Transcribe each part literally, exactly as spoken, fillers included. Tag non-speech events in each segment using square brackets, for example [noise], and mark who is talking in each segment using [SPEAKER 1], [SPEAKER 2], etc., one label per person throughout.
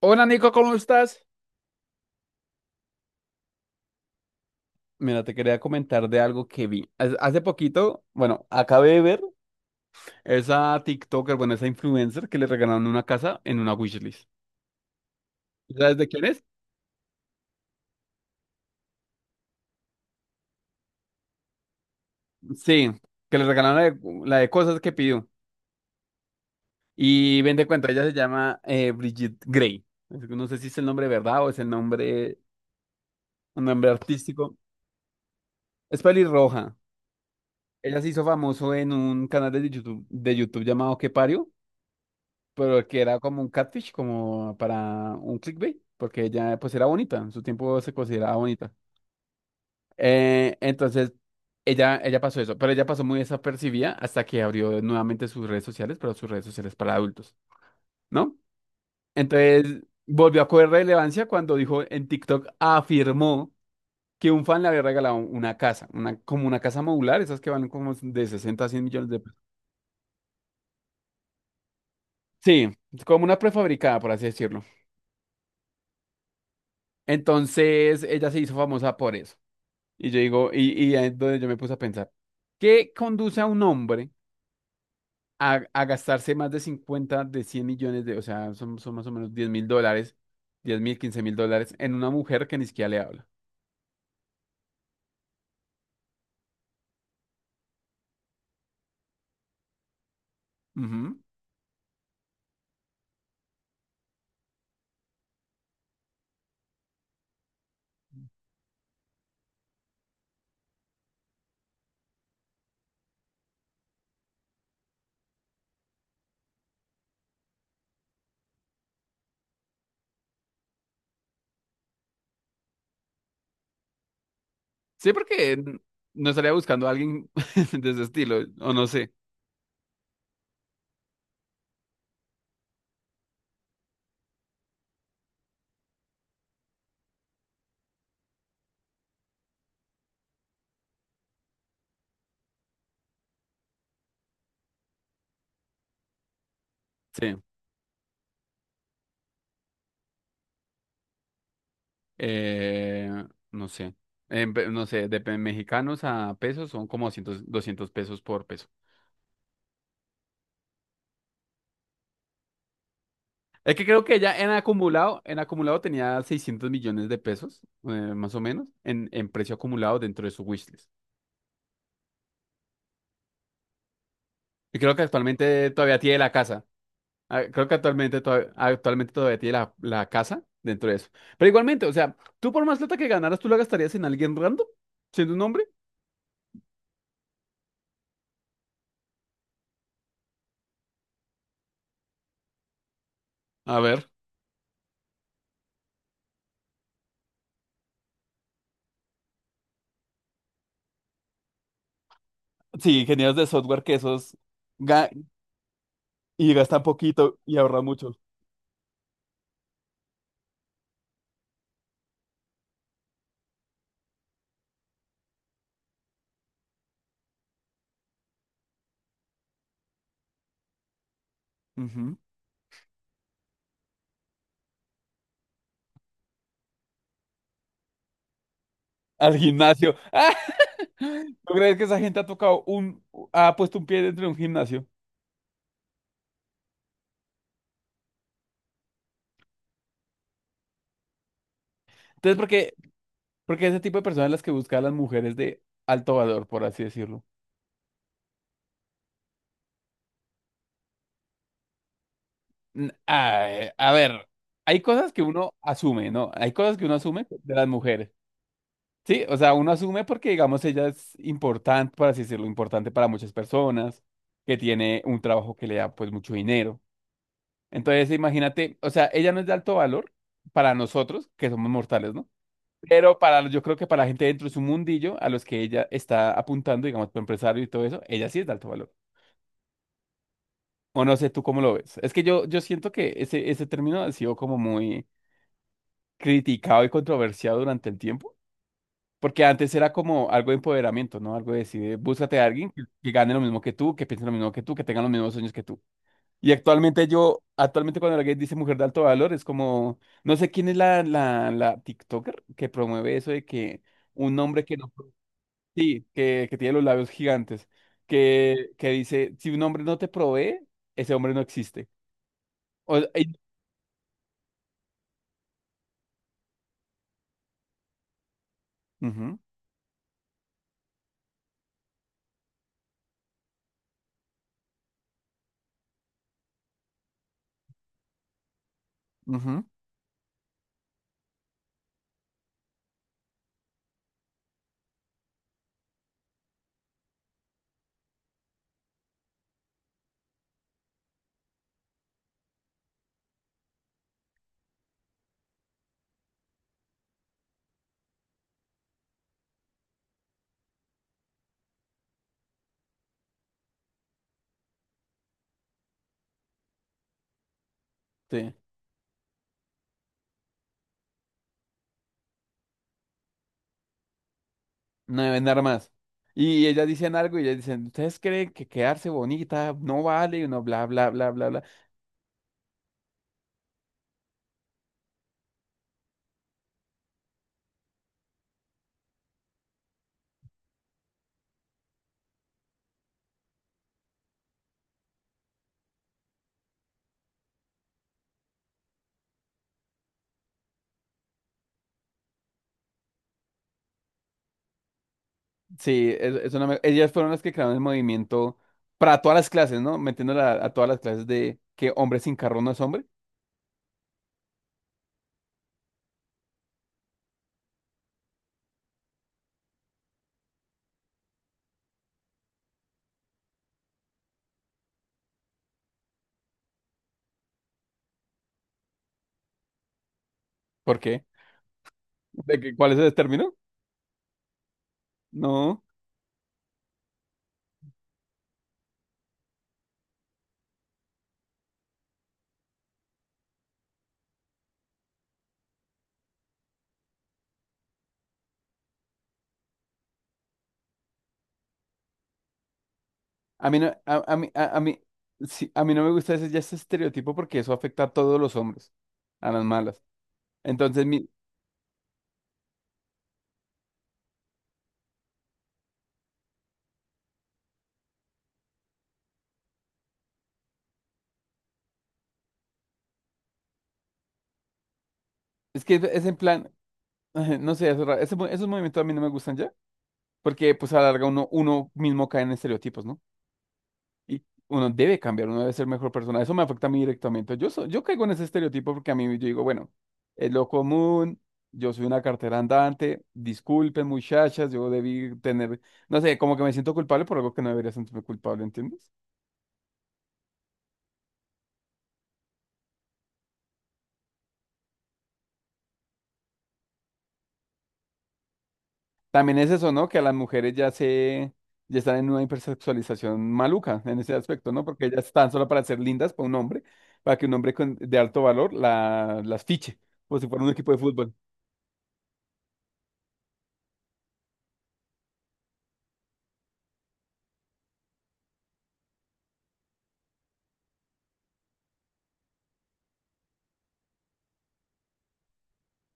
[SPEAKER 1] Hola Nico, ¿cómo estás? Mira, te quería comentar de algo que vi. Hace hace poquito, bueno, acabé de ver esa TikToker, bueno, esa influencer que le regalaron una casa en una wishlist. ¿Sabes de quién es? Sí, que le regalaron la de, la de cosas que pidió. Y ven de cuenta, ella se llama eh, Bridget Grey. Es que no sé si es el nombre de verdad o es el nombre, un nombre artístico. Es pelirroja. Ella se hizo famoso en un canal de YouTube, de YouTube llamado ¿Qué parió? Pero que era como un catfish, como para un clickbait, porque ella pues era bonita, en su tiempo se consideraba bonita. Eh, entonces, ella, ella pasó eso, pero ella pasó muy desapercibida hasta que abrió nuevamente sus redes sociales, pero sus redes sociales para adultos, ¿no? Entonces, volvió a coger relevancia cuando dijo en TikTok, afirmó que un fan le había regalado una casa, una, como una casa modular, esas que van como de sesenta a cien millones de pesos. Sí, como una prefabricada, por así decirlo. Entonces, ella se hizo famosa por eso. Y yo digo, y, y ahí es donde yo me puse a pensar, ¿qué conduce a un hombre a, a gastarse más de cincuenta de cien millones de, o sea, son, son más o menos diez mil dólares, diez mil, quince mil dólares en una mujer que ni siquiera le habla? Ujú. Sí, porque n- no estaría buscando a alguien [laughs] de ese estilo, o no sé. Sí, eh, no sé. En pe- no sé, de pe- mexicanos a pesos son como doscientos doscientos pesos por peso. Es que creo que ya en acumulado, en acumulado tenía seiscientos millones de pesos, eh, más o menos, en, en precio acumulado dentro de su wishlist. Y creo que actualmente todavía tiene la casa. Ah, creo que actualmente, todav- actualmente todavía tiene la, la casa dentro de eso. Pero igualmente, o sea, tú por más plata que ganaras, ¿tú la gastarías en alguien random? ¿Siendo un hombre? A ver. Sí, ingenieros de software que esos ga- y gastan poquito y ahorran mucho. Ujú. Al gimnasio. [laughs] ¿Tú crees que esa gente ha tocado un, ha puesto un pie dentro de un gimnasio? Entonces, ¿por qué, ¿por qué ese tipo de personas las que buscan a las mujeres de alto valor, por así decirlo? N- ay, a ver, hay cosas que uno asume, ¿no? Hay cosas que uno asume de las mujeres. Sí, o sea, uno asume porque, digamos, ella es importante, por así decirlo, importante para muchas personas, que tiene un trabajo que le da, pues, mucho dinero. Entonces, imagínate, o sea, ella no es de alto valor para nosotros, que somos mortales, ¿no? Pero para, yo creo que para la gente dentro de su mundillo, a los que ella está apuntando, digamos, para empresario y todo eso, ella sí es de alto valor. O no sé, ¿tú cómo lo ves? Es que yo, yo siento que ese, ese término ha sido como muy criticado y controversiado durante el tiempo, porque antes era como algo de empoderamiento, ¿no? Algo de decir, eh, búscate a alguien que, que gane lo mismo que tú, que piense lo mismo que tú, que tenga los mismos sueños que tú. Y actualmente yo, actualmente cuando alguien dice mujer de alto valor, es como, no sé quién es la, la, la TikToker que promueve eso de que un hombre que no, sí, que, que tiene los labios gigantes, que, que dice, si un hombre no te provee, ese hombre no existe. O, y- ujú. Ujú, sí, no deben dar más. Y ellas dicen algo y ellas dicen, ¿ustedes creen que quedarse bonita no vale? Y uno bla, bla, bla, bla, bla. Sí, es, es una me- ellas fueron las que crearon el movimiento para todas las clases, ¿no? Metiéndola a, a todas las clases de que hombre sin carro no es hombre. ¿Por qué? ¿De que, cuál es el término? No, a mí no, a, a mí, a, a mí, sí, a mí no me gusta ese, ya ese estereotipo porque eso afecta a todos los hombres, a las malas. Entonces, mi, es que es en plan, [laughs] no sé, es raro, ese mo- esos movimientos a mí no me gustan ya. Porque pues a la larga uno, uno mismo cae en estereotipos, ¿no? Y uno debe cambiar, uno debe ser mejor persona. Eso me afecta a mí directamente. Yo, so- yo caigo en ese estereotipo porque a mí yo digo, bueno, es lo común, yo soy una cartera andante, disculpen muchachas, yo debí tener, no sé, como que me siento culpable por algo que no debería sentirme culpable, ¿entiendes? También es eso, ¿no? Que a las mujeres ya se, ya están en una hipersexualización maluca en ese aspecto, ¿no? Porque ellas están solo para ser lindas para un hombre, para que un hombre con- de alto valor la, las fiche, como si fuera un equipo de fútbol.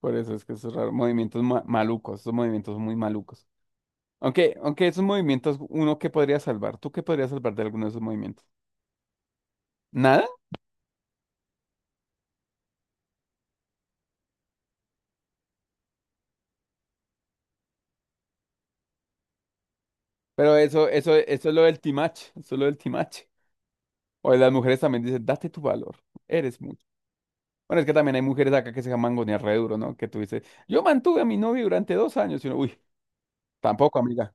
[SPEAKER 1] Por eso es que esos raros movimientos ma- malucos, esos movimientos muy malucos. Aunque, aunque esos movimientos, uno que podría salvar, ¿tú qué podrías salvar de alguno de esos movimientos? Nada, pero eso, eso, eso es lo del timache, eso es lo del timache. O las mujeres también dicen, date tu valor, eres mucho. Bueno, es que también hay mujeres acá que se mangonean re duro, ¿no? Que tú dices, yo mantuve a mi novio durante dos años. Y uno, uy, tampoco, amiga.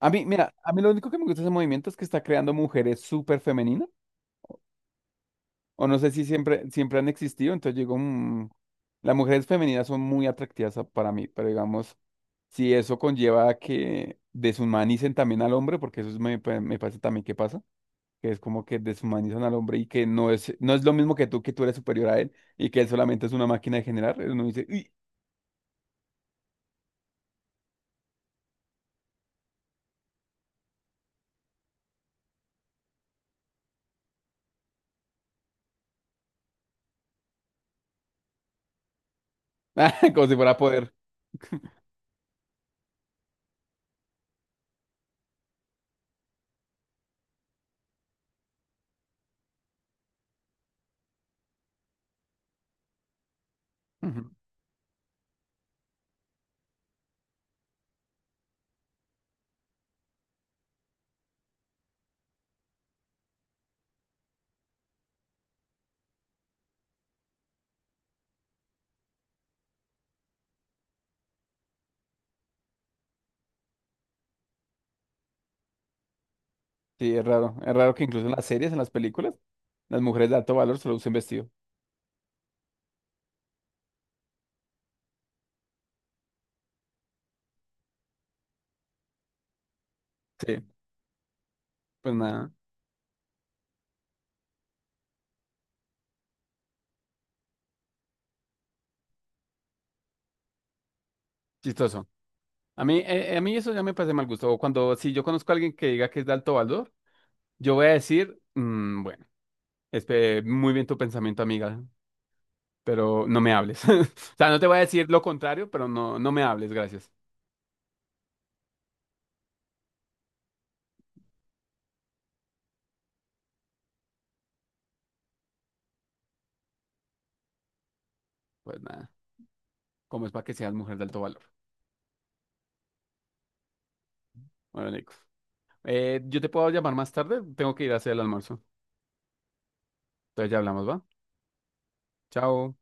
[SPEAKER 1] A mí, mira, a mí lo único que me gusta de ese movimiento es que está creando mujeres súper femeninas. O no sé si siempre, siempre han existido. Entonces yo digo, "Mm, las mujeres femeninas son muy atractivas a- para mí. Pero digamos, si eso conlleva a que deshumanicen también al hombre, porque eso es- me, pa- me parece también que pasa, que es como que deshumanizan al hombre y que no es, no es lo mismo que tú, que tú eres superior a él y que él solamente es una máquina de generar. Uno dice, "Uy, [laughs] como si fuera poder. Ujú. Sí, es raro. Es raro que incluso en las series, en las películas, las mujeres de alto valor solo usen vestido. Sí, pues nada, chistoso. A mí, eh, a mí eso ya me parece mal gusto. O cuando, si yo conozco a alguien que diga que es de alto valor, yo voy a decir, "Mm, bueno, espe- muy bien tu pensamiento, amiga, pero no me hables. [laughs] O sea, no te voy a decir lo contrario, pero no, no me hables, gracias. Pues nada, como es para que seas mujer de alto valor. Bueno, Nico. Eh, yo te puedo llamar más tarde, tengo que ir a hacer el almuerzo. Entonces ya hablamos, ¿va? Chao.